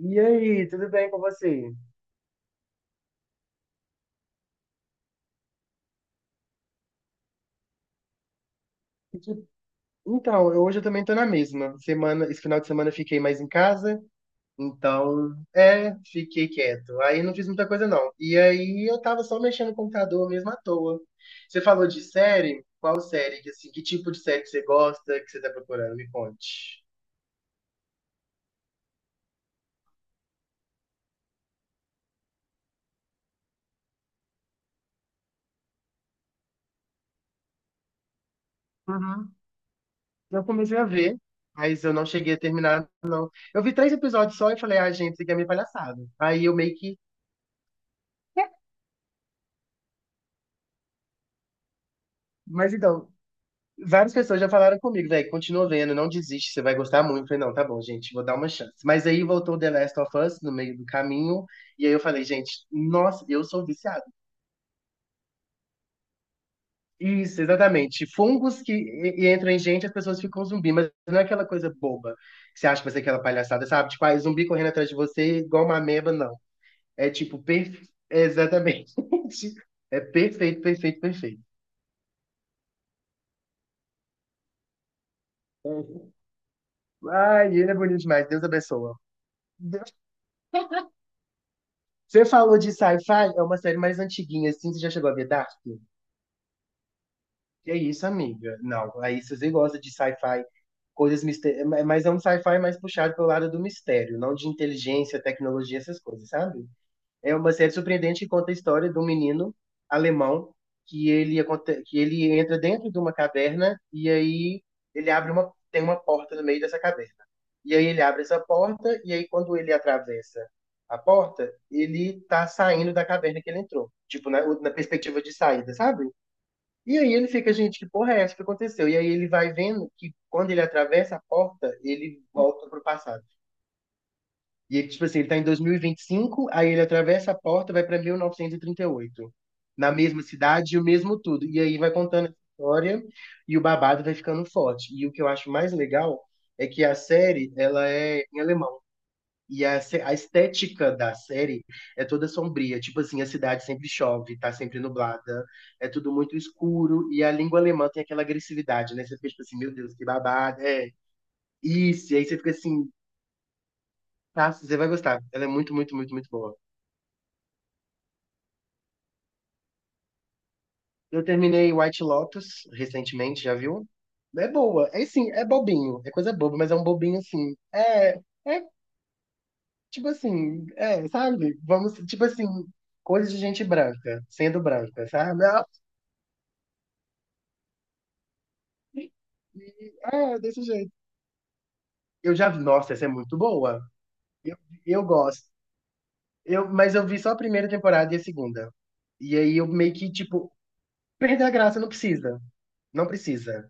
E aí, tudo bem com você? Então, hoje eu também tô na mesma. Semana, esse final de semana eu fiquei mais em casa, então, fiquei quieto. Aí não fiz muita coisa não. E aí eu tava só mexendo no computador mesmo à toa. Você falou de série? Qual série? Que, assim, que tipo de série que você gosta, que você tá procurando? Me conte. Uhum. Eu comecei a ver, mas eu não cheguei a terminar. Eu vi três episódios só e falei, ah, gente, isso aqui é meio palhaçada. Aí eu meio que. Mas então, várias pessoas já falaram comigo, velho, continua vendo, não desiste, você vai gostar muito. Eu falei, não, tá bom, gente, vou dar uma chance. Mas aí voltou The Last of Us no meio do caminho, e aí eu falei, gente, nossa, eu sou viciado. Isso, exatamente. Fungos e entram em gente, as pessoas ficam zumbi, mas não é aquela coisa boba que você acha que vai ser aquela palhaçada, sabe? Tipo, ah, é zumbi correndo atrás de você igual uma ameba, não. É tipo, é, exatamente. É perfeito, perfeito, perfeito. Ai, ele é bonito demais, Deus abençoa. Você falou de sci-fi, é uma série mais antiguinha, assim, você já chegou a ver Dark? Que é isso, amiga? Não, aí se você gosta de sci-fi, coisas mistérios, mas é um sci-fi mais puxado pelo lado do mistério, não de inteligência, tecnologia, essas coisas, sabe? É uma série surpreendente que conta a história de um menino alemão que ele, que ele entra dentro de uma caverna e aí ele abre uma, tem uma porta no meio dessa caverna. E aí ele abre essa porta e aí quando ele atravessa a porta, ele tá saindo da caverna que ele entrou. Tipo, na perspectiva de saída, sabe? E aí ele fica, gente, que porra é essa que aconteceu? E aí ele vai vendo que quando ele atravessa a porta, ele volta pro passado. E ele, tipo assim, ele tá em 2025, aí ele atravessa a porta, vai pra 1938. Na mesma cidade, o mesmo tudo. E aí vai contando essa história e o babado vai ficando forte. E o que eu acho mais legal é que a série, ela é em alemão. E a, se- a estética da série é toda sombria. Tipo assim, a cidade sempre chove, tá sempre nublada, é tudo muito escuro. E a língua alemã tem aquela agressividade, né? Você fica tipo assim, meu Deus, que babado, é isso. E aí você fica assim, tá, você vai gostar. Ela é muito, muito, muito, muito boa. Eu terminei White Lotus recentemente, já viu? É boa. É sim, é bobinho. É coisa boba, mas é um bobinho assim. É tipo assim, sabe? Vamos, tipo assim, coisa de gente branca, sendo branca, sabe? Ah, E- é, desse jeito. Eu já vi, nossa, essa é muito boa. Eu, eu gosto. Mas eu vi só a primeira temporada e a segunda. E aí eu meio que, tipo, perder a graça não precisa. Não precisa.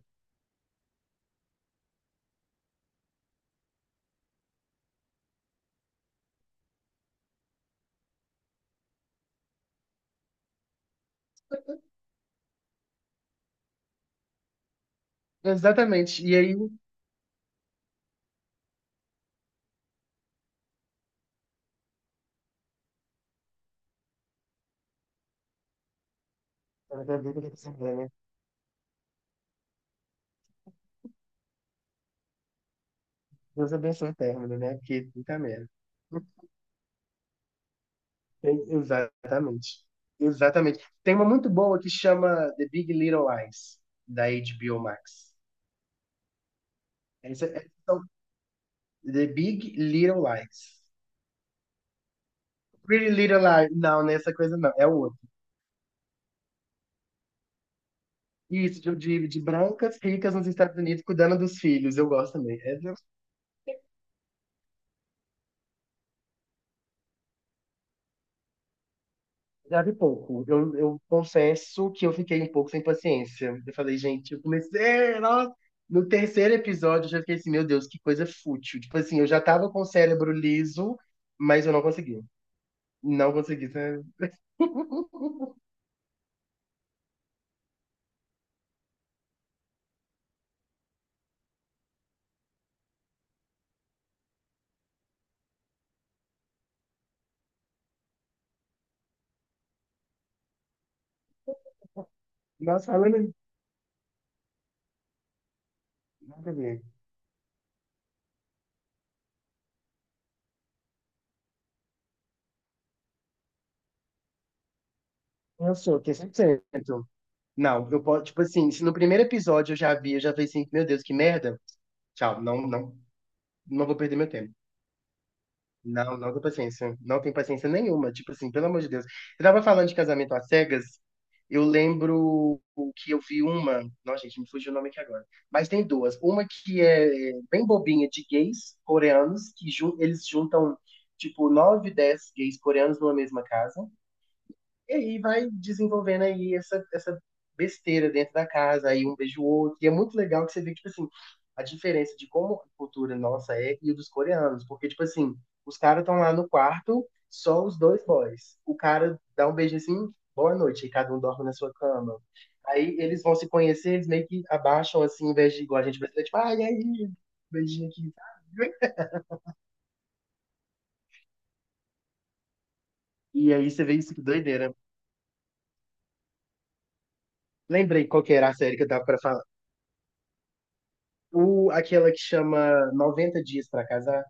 Exatamente. E aí. Deus abençoe o término, né? Porque puta merda. Exatamente. Exatamente. Tem uma muito boa que chama The Big Little Lies, da HBO Max. Essa, essa, são- The Big Little Lies. Pretty Little Lies. Não, nessa coisa não. É outra. Isso, de brancas ricas nos Estados Unidos cuidando dos filhos. Eu gosto também. É. Sabe pouco. Eu confesso que eu fiquei um pouco sem paciência. Eu falei, gente, eu comecei. Nossa. No terceiro episódio, eu já fiquei assim, meu Deus, que coisa fútil. Tipo assim, eu já tava com o cérebro liso, mas eu não consegui. Não consegui, sabe? Nossa, falando. Nada a ver. Eu sou, que 100%. Não, eu posso, tipo assim, se no primeiro episódio eu já vi, eu já falei assim, meu Deus, que merda. Tchau, não, não, não vou perder meu tempo. Não, não dou paciência. Não tenho paciência nenhuma. Tipo assim, pelo amor de Deus. Você tava falando de casamento às cegas. Eu lembro que eu vi uma. Nossa, gente, me fugiu o nome aqui agora. Mas tem duas. Uma que é bem bobinha, de gays coreanos, eles juntam, tipo, nove, dez gays coreanos numa mesma casa. E aí vai desenvolvendo aí essa besteira dentro da casa, aí um beijo o outro. E é muito legal que você vê, tipo assim, a diferença de como a cultura nossa é e dos coreanos. Porque, tipo assim, os caras estão lá no quarto, só os dois boys. O cara dá um beijo assim, boa noite, e cada um dorme na sua cama. Aí eles vão se conhecer, eles meio que abaixam assim, em vez de igual a gente brasileiro, tipo, ai, e aí, beijinho aqui. E aí você vê isso que doideira. Lembrei qual que era a série que eu tava pra falar. O, aquela que chama 90 Dias pra Casar.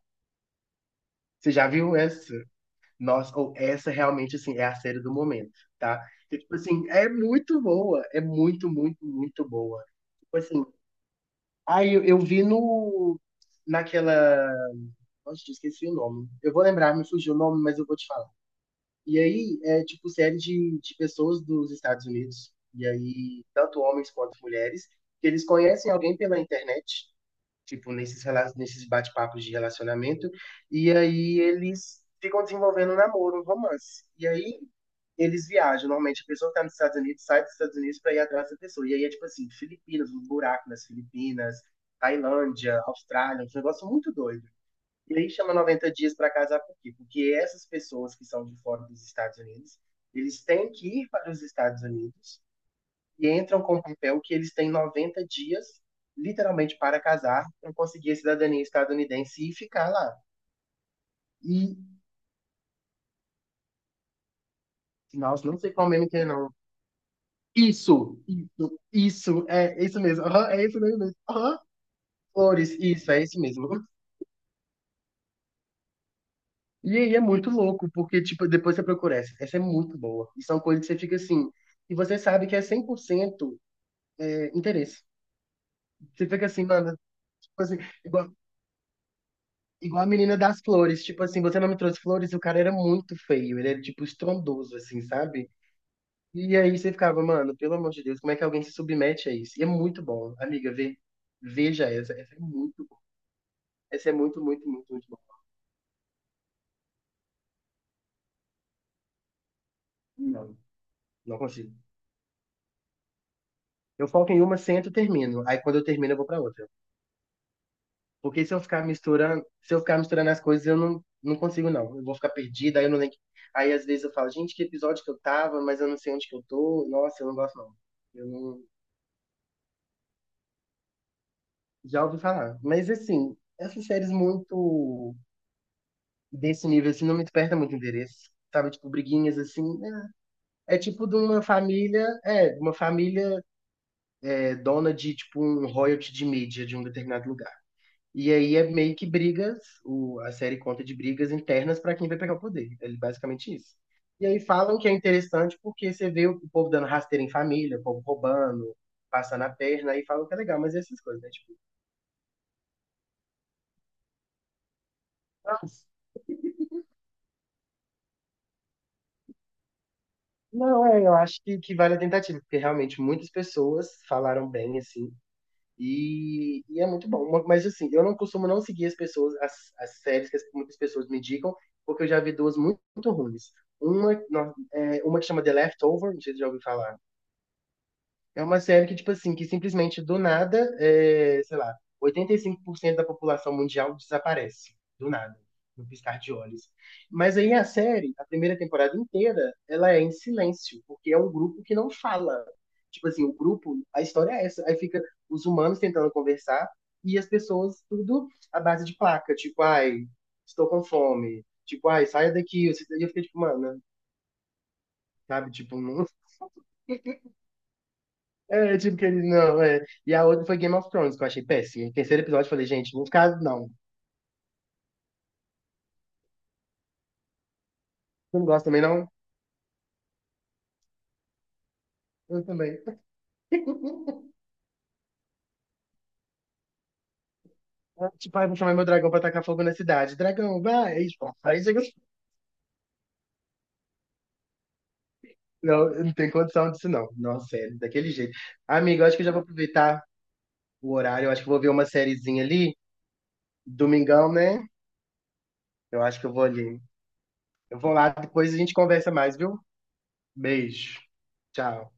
Você já viu essa? Nossa, ou essa realmente, assim, é a série do momento, tá? E, tipo assim, é muito boa. É muito, muito, muito boa. Tipo assim, aí eu vi no. Naquela. Nossa, eu esqueci o nome. Eu vou lembrar, me fugiu o nome, mas eu vou te falar. E aí, é tipo série de pessoas dos Estados Unidos. E aí, tanto homens quanto mulheres, que eles conhecem alguém pela internet tipo, nesses bate-papos de relacionamento, e aí eles ficam desenvolvendo um namoro, um romance. E aí eles viajam, normalmente a pessoa que tá nos Estados Unidos sai dos Estados Unidos para ir atrás dessa pessoa. E aí é tipo assim, Filipinas, um buraco nas Filipinas, Tailândia, Austrália, um negócio muito doido. E aí chama 90 dias para casar por quê? Porque essas pessoas que são de fora dos Estados Unidos, eles têm que ir para os Estados Unidos e entram com o papel que eles têm 90 dias, literalmente, para casar, para conseguir a cidadania estadunidense e ficar lá. E, nossa, não sei qual meme que é, não. Isso, é isso mesmo, aham, é isso mesmo, aham, flores, isso, é isso mesmo. E aí é muito louco, porque, tipo, depois você procura essa, essa é muito boa. E são coisas que você fica assim, e você sabe que é 100% interesse. Você fica assim, mano, tipo assim, igual. Igual a menina das flores, tipo assim, você não me trouxe flores, o cara era muito feio, ele era tipo estrondoso, assim, sabe? E aí você ficava, mano, pelo amor de Deus, como é que alguém se submete a isso? E é muito bom, amiga, veja essa, essa é muito boa. Essa é muito, muito, muito, muito boa. Não, não consigo. Eu foco em uma, sento, termino. Aí quando eu termino, eu vou pra outra. Porque se eu ficar misturando as coisas, eu não, não consigo, não. Eu vou ficar perdida, aí eu não lembro. Aí às vezes eu falo, gente, que episódio que eu tava, mas eu não sei onde que eu tô. Nossa, eu não gosto, não. Eu não. Já ouvi falar. Mas assim, essas séries muito desse nível assim não me desperta muito interesse. Sabe, tipo, briguinhas assim, né? É tipo de uma família, dona de tipo um royalty de mídia de um determinado lugar. E aí é meio que brigas, a série conta de brigas internas pra quem vai pegar o poder. É basicamente isso. E aí falam que é interessante porque você vê o povo dando rasteira em família, o povo roubando, passando a perna, aí falam que é legal, mas essas coisas, né? Tipo, não, eu acho que vale a tentativa, porque realmente muitas pessoas falaram bem, assim, e é muito bom. Mas, assim, eu não costumo não seguir as pessoas, as séries que muitas pessoas me indicam, porque eu já vi duas muito, muito ruins. Uma, não, uma que chama The Leftover, não sei se você já ouviu falar. É uma série que, tipo assim, que simplesmente do nada, sei lá, 85% da população mundial desaparece. Do nada, no piscar de olhos. Mas aí a série, a primeira temporada inteira, ela é em silêncio, porque é um grupo que não fala. Tipo assim, o grupo, a história é essa. Aí fica os humanos tentando conversar e as pessoas tudo à base de placa. Tipo, ai, estou com fome. Tipo, ai, saia daqui. E eu fiquei tipo, mano, sabe? Tipo, não. É, tipo, que ele não, é. E a outra foi Game of Thrones, que eu achei péssimo. O terceiro episódio, eu falei, gente, não ficar, não. Você não gosta também, não? Eu também. Tipo, ai, vou chamar meu dragão pra tacar fogo na cidade. Dragão, vai! Aí, tipo, aí chega, assim. Não, eu não tem condição disso, não. Nossa, sério, daquele jeito. Amigo, eu acho que eu já vou aproveitar o horário. Eu acho que eu vou ver uma sériezinha ali. Domingão, né? Eu acho que eu vou ali. Eu vou lá, depois a gente conversa mais, viu? Beijo. Tchau.